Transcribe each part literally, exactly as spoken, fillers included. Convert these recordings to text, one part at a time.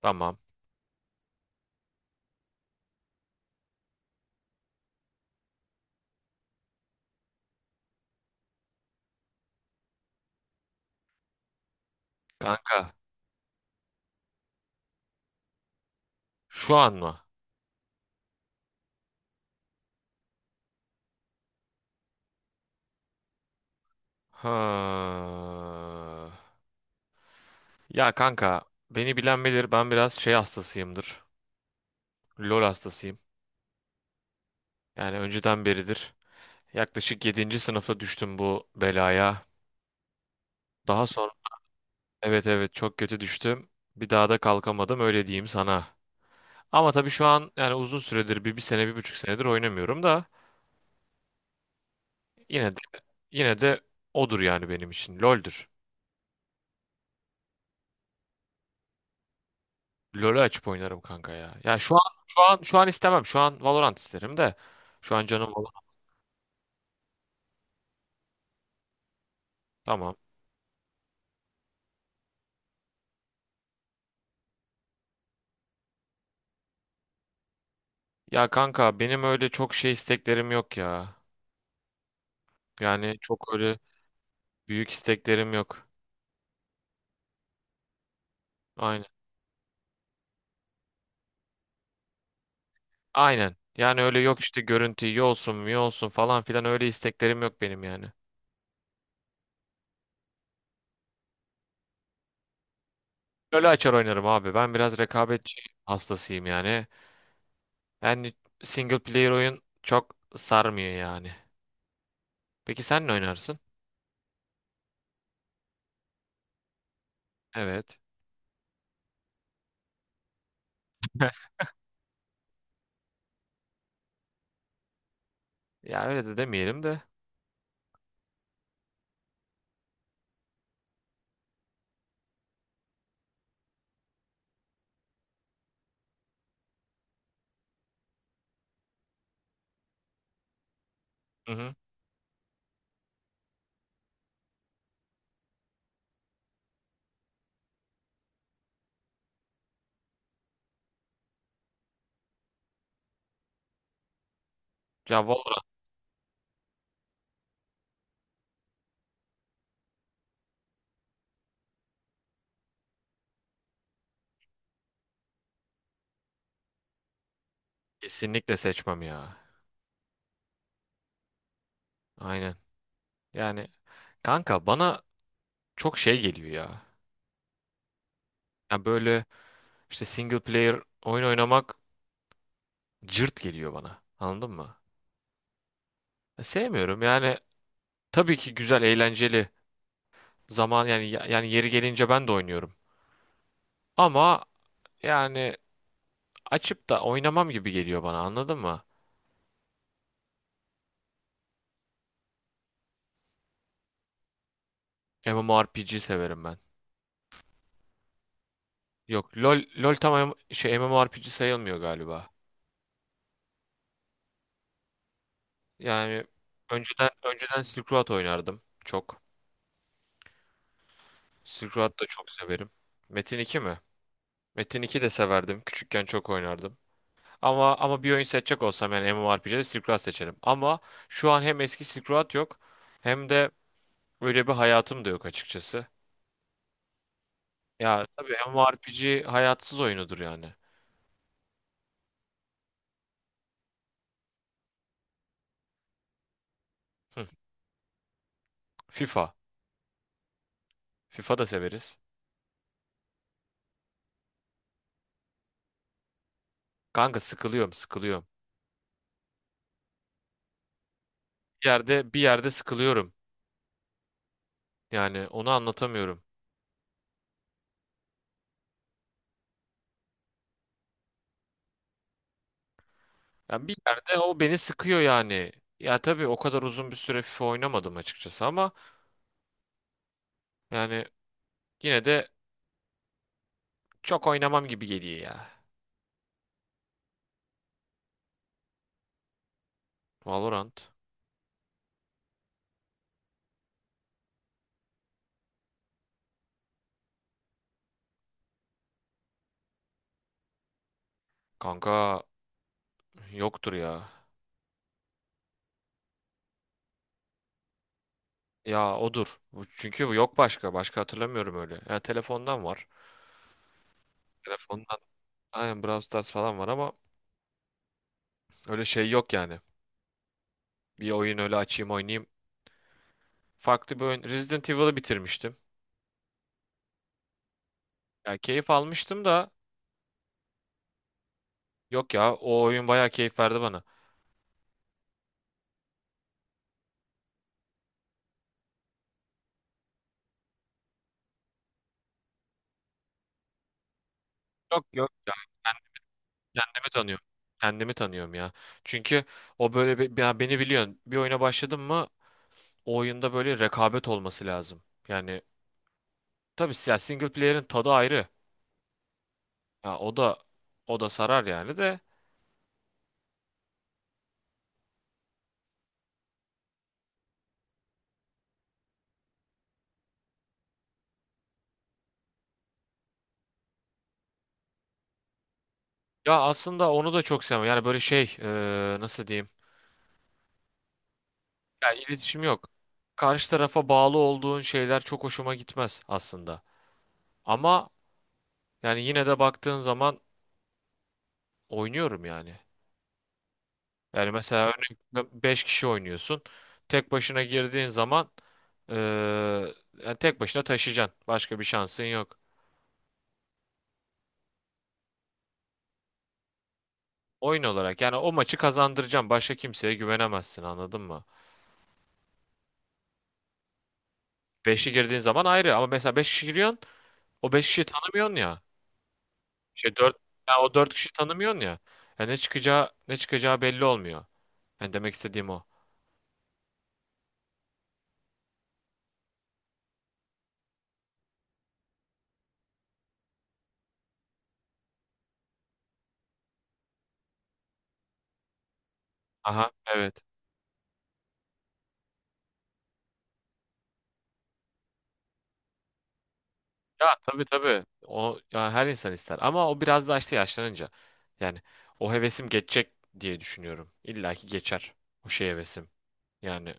Tamam. Kanka şu an mı? Ha. Ya kanka beni bilen bilir ben biraz şey hastasıyımdır. LOL hastasıyım. Yani önceden beridir. Yaklaşık yedinci sınıfta düştüm bu belaya. Daha sonra evet evet çok kötü düştüm. Bir daha da kalkamadım öyle diyeyim sana. Ama tabii şu an yani uzun süredir bir, bir sene bir buçuk senedir oynamıyorum da yine de yine de odur yani benim için L O L'dür. LoL'ü açıp oynarım kanka ya. Ya şu an şu an şu an istemem. Şu an Valorant isterim de. Şu an canım Valorant. Tamam. Ya kanka benim öyle çok şey isteklerim yok ya. Yani çok öyle büyük isteklerim yok. Aynen. Aynen. Yani öyle yok işte görüntü iyi olsun mu iyi olsun falan filan öyle isteklerim yok benim yani. LoL'ü açar oynarım abi. Ben biraz rekabetçi hastasıyım yani. Yani single player oyun çok sarmıyor yani. Peki sen ne oynarsın? Evet. Ya öyle de demeyelim de. Hı hı. Ya Valorant kesinlikle seçmem ya. Aynen. Yani kanka bana çok şey geliyor ya. Ya böyle işte single player oyun oynamak cırt geliyor bana. Anladın mı? Ya sevmiyorum. Yani tabii ki güzel, eğlenceli zaman yani ya- yani yeri gelince ben de oynuyorum. Ama yani açıp da oynamam gibi geliyor bana. Anladın mı? MMORPG severim ben. Yok LOL LOL tam M- şey MMORPG sayılmıyor galiba. Yani önceden önceden Silk Road oynardım çok. Silk Road da çok severim. Metin iki mi? Metin iki de severdim. Küçükken çok oynardım. Ama ama bir oyun seçecek olsam yani M M O R P G'de Silk Road seçerim. Ama şu an hem eski Silk Road yok hem de öyle bir hayatım da yok açıkçası. Ya tabii MMORPG hayatsız oyunudur yani. Hı. FIFA. FIFA da severiz. Kanka sıkılıyorum, sıkılıyorum. Bir yerde bir yerde sıkılıyorum. Yani onu anlatamıyorum. Yani bir yerde o beni sıkıyor yani. Ya tabii o kadar uzun bir süre FIFA oynamadım açıkçası ama yani yine de çok oynamam gibi geliyor ya. Valorant. Kanka yoktur ya. Ya odur. Bu- Çünkü bu yok başka. Başka hatırlamıyorum öyle. Ya telefondan var. Telefondan. Aynen Brawl Stars falan var ama öyle şey yok yani. Bir oyun öyle açayım oynayayım. Farklı bir oyun. Resident Evil'ı bitirmiştim. Ya keyif almıştım da yok ya o oyun bayağı keyif verdi bana. Yok yok ya kendimi tanıyorum. Kendimi tanıyorum ya. Çünkü o böyle be- ya beni biliyorsun. Bir oyuna başladım mı o oyunda böyle rekabet olması lazım. Yani tabii ya single player'in tadı ayrı. Ya o da o da sarar yani de. Ya aslında onu da çok sevmem. Yani böyle şey eee, nasıl diyeyim? Ya iletişim yok. Karşı tarafa bağlı olduğun şeyler çok hoşuma gitmez aslında. Ama yani yine de baktığın zaman oynuyorum yani. Yani mesela örneğin beş kişi oynuyorsun. Tek başına girdiğin zaman eee, yani tek başına taşıyacaksın. Başka bir şansın yok. Oyun olarak yani o maçı kazandıracağım. Başka kimseye güvenemezsin anladın mı? beşi girdiğin zaman ayrı ama mesela beş kişi giriyorsun o beş kişiyi tanımıyorsun ya. şey dört ya o dört kişiyi tanımıyorsun ya. Ya ne çıkacağı ne çıkacağı belli olmuyor. Yani demek istediğim o. Aha evet. Ya tabii tabii. O ya her insan ister ama o biraz daha işte yaşlanınca. Yani o hevesim geçecek diye düşünüyorum. İlla ki geçer o şey hevesim. Yani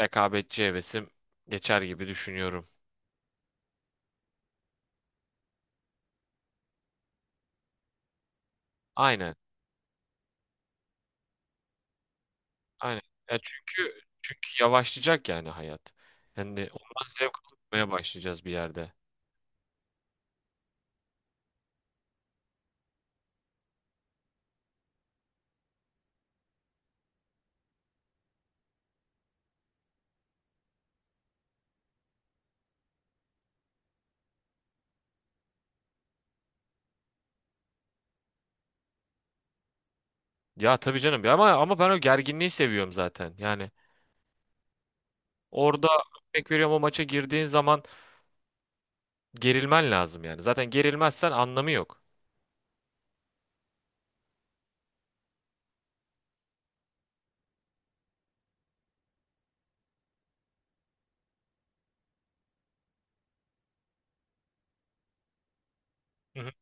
rekabetçi hevesim geçer gibi düşünüyorum. Aynen. Aynen. Ya çünkü çünkü yavaşlayacak yani hayat. Yani ondan zevk almaya başlayacağız bir yerde. Ya tabii canım. Ya ama ama ben o gerginliği seviyorum zaten. Yani orada örnek veriyorum o maça girdiğin zaman gerilmen lazım yani. Zaten gerilmezsen anlamı yok. Hı hı.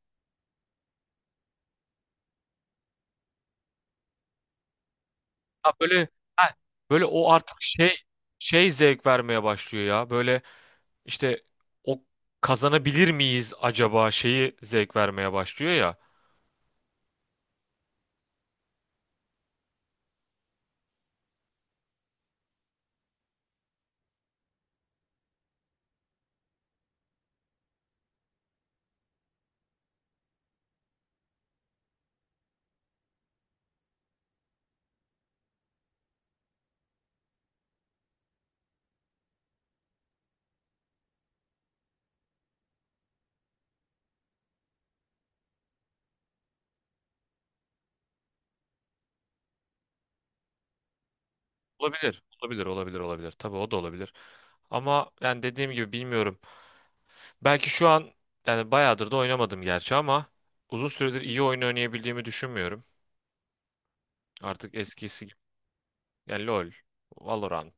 Ha böyle ha, böyle o artık şey şey zevk vermeye başlıyor ya. Böyle işte o kazanabilir miyiz acaba şeyi zevk vermeye başlıyor ya. Olabilir. Olabilir, olabilir, olabilir. Tabii o da olabilir. Ama yani dediğim gibi bilmiyorum. Belki şu an yani bayağıdır da oynamadım gerçi ama uzun süredir iyi oyun oynayabildiğimi düşünmüyorum. Artık eskisi gibi. Yani LoL, Valorant.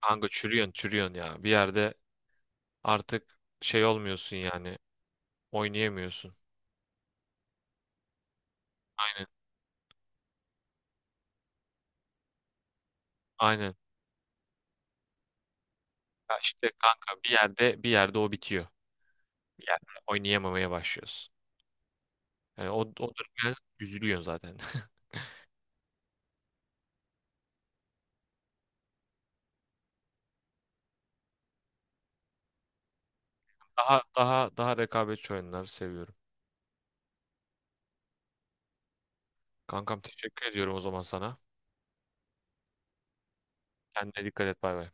Kanka çürüyorsun çürüyorsun ya. Bir yerde artık şey olmuyorsun yani. Oynayamıyorsun. Aynen. Aynen. Ya işte kanka bir yerde bir yerde o bitiyor. Bir yerde oynayamamaya başlıyorsun. Yani o, o dönemde üzülüyorsun zaten. Daha daha daha rekabetçi oyunları seviyorum. Kankam teşekkür ediyorum o zaman sana. Kendine dikkat et bay bay.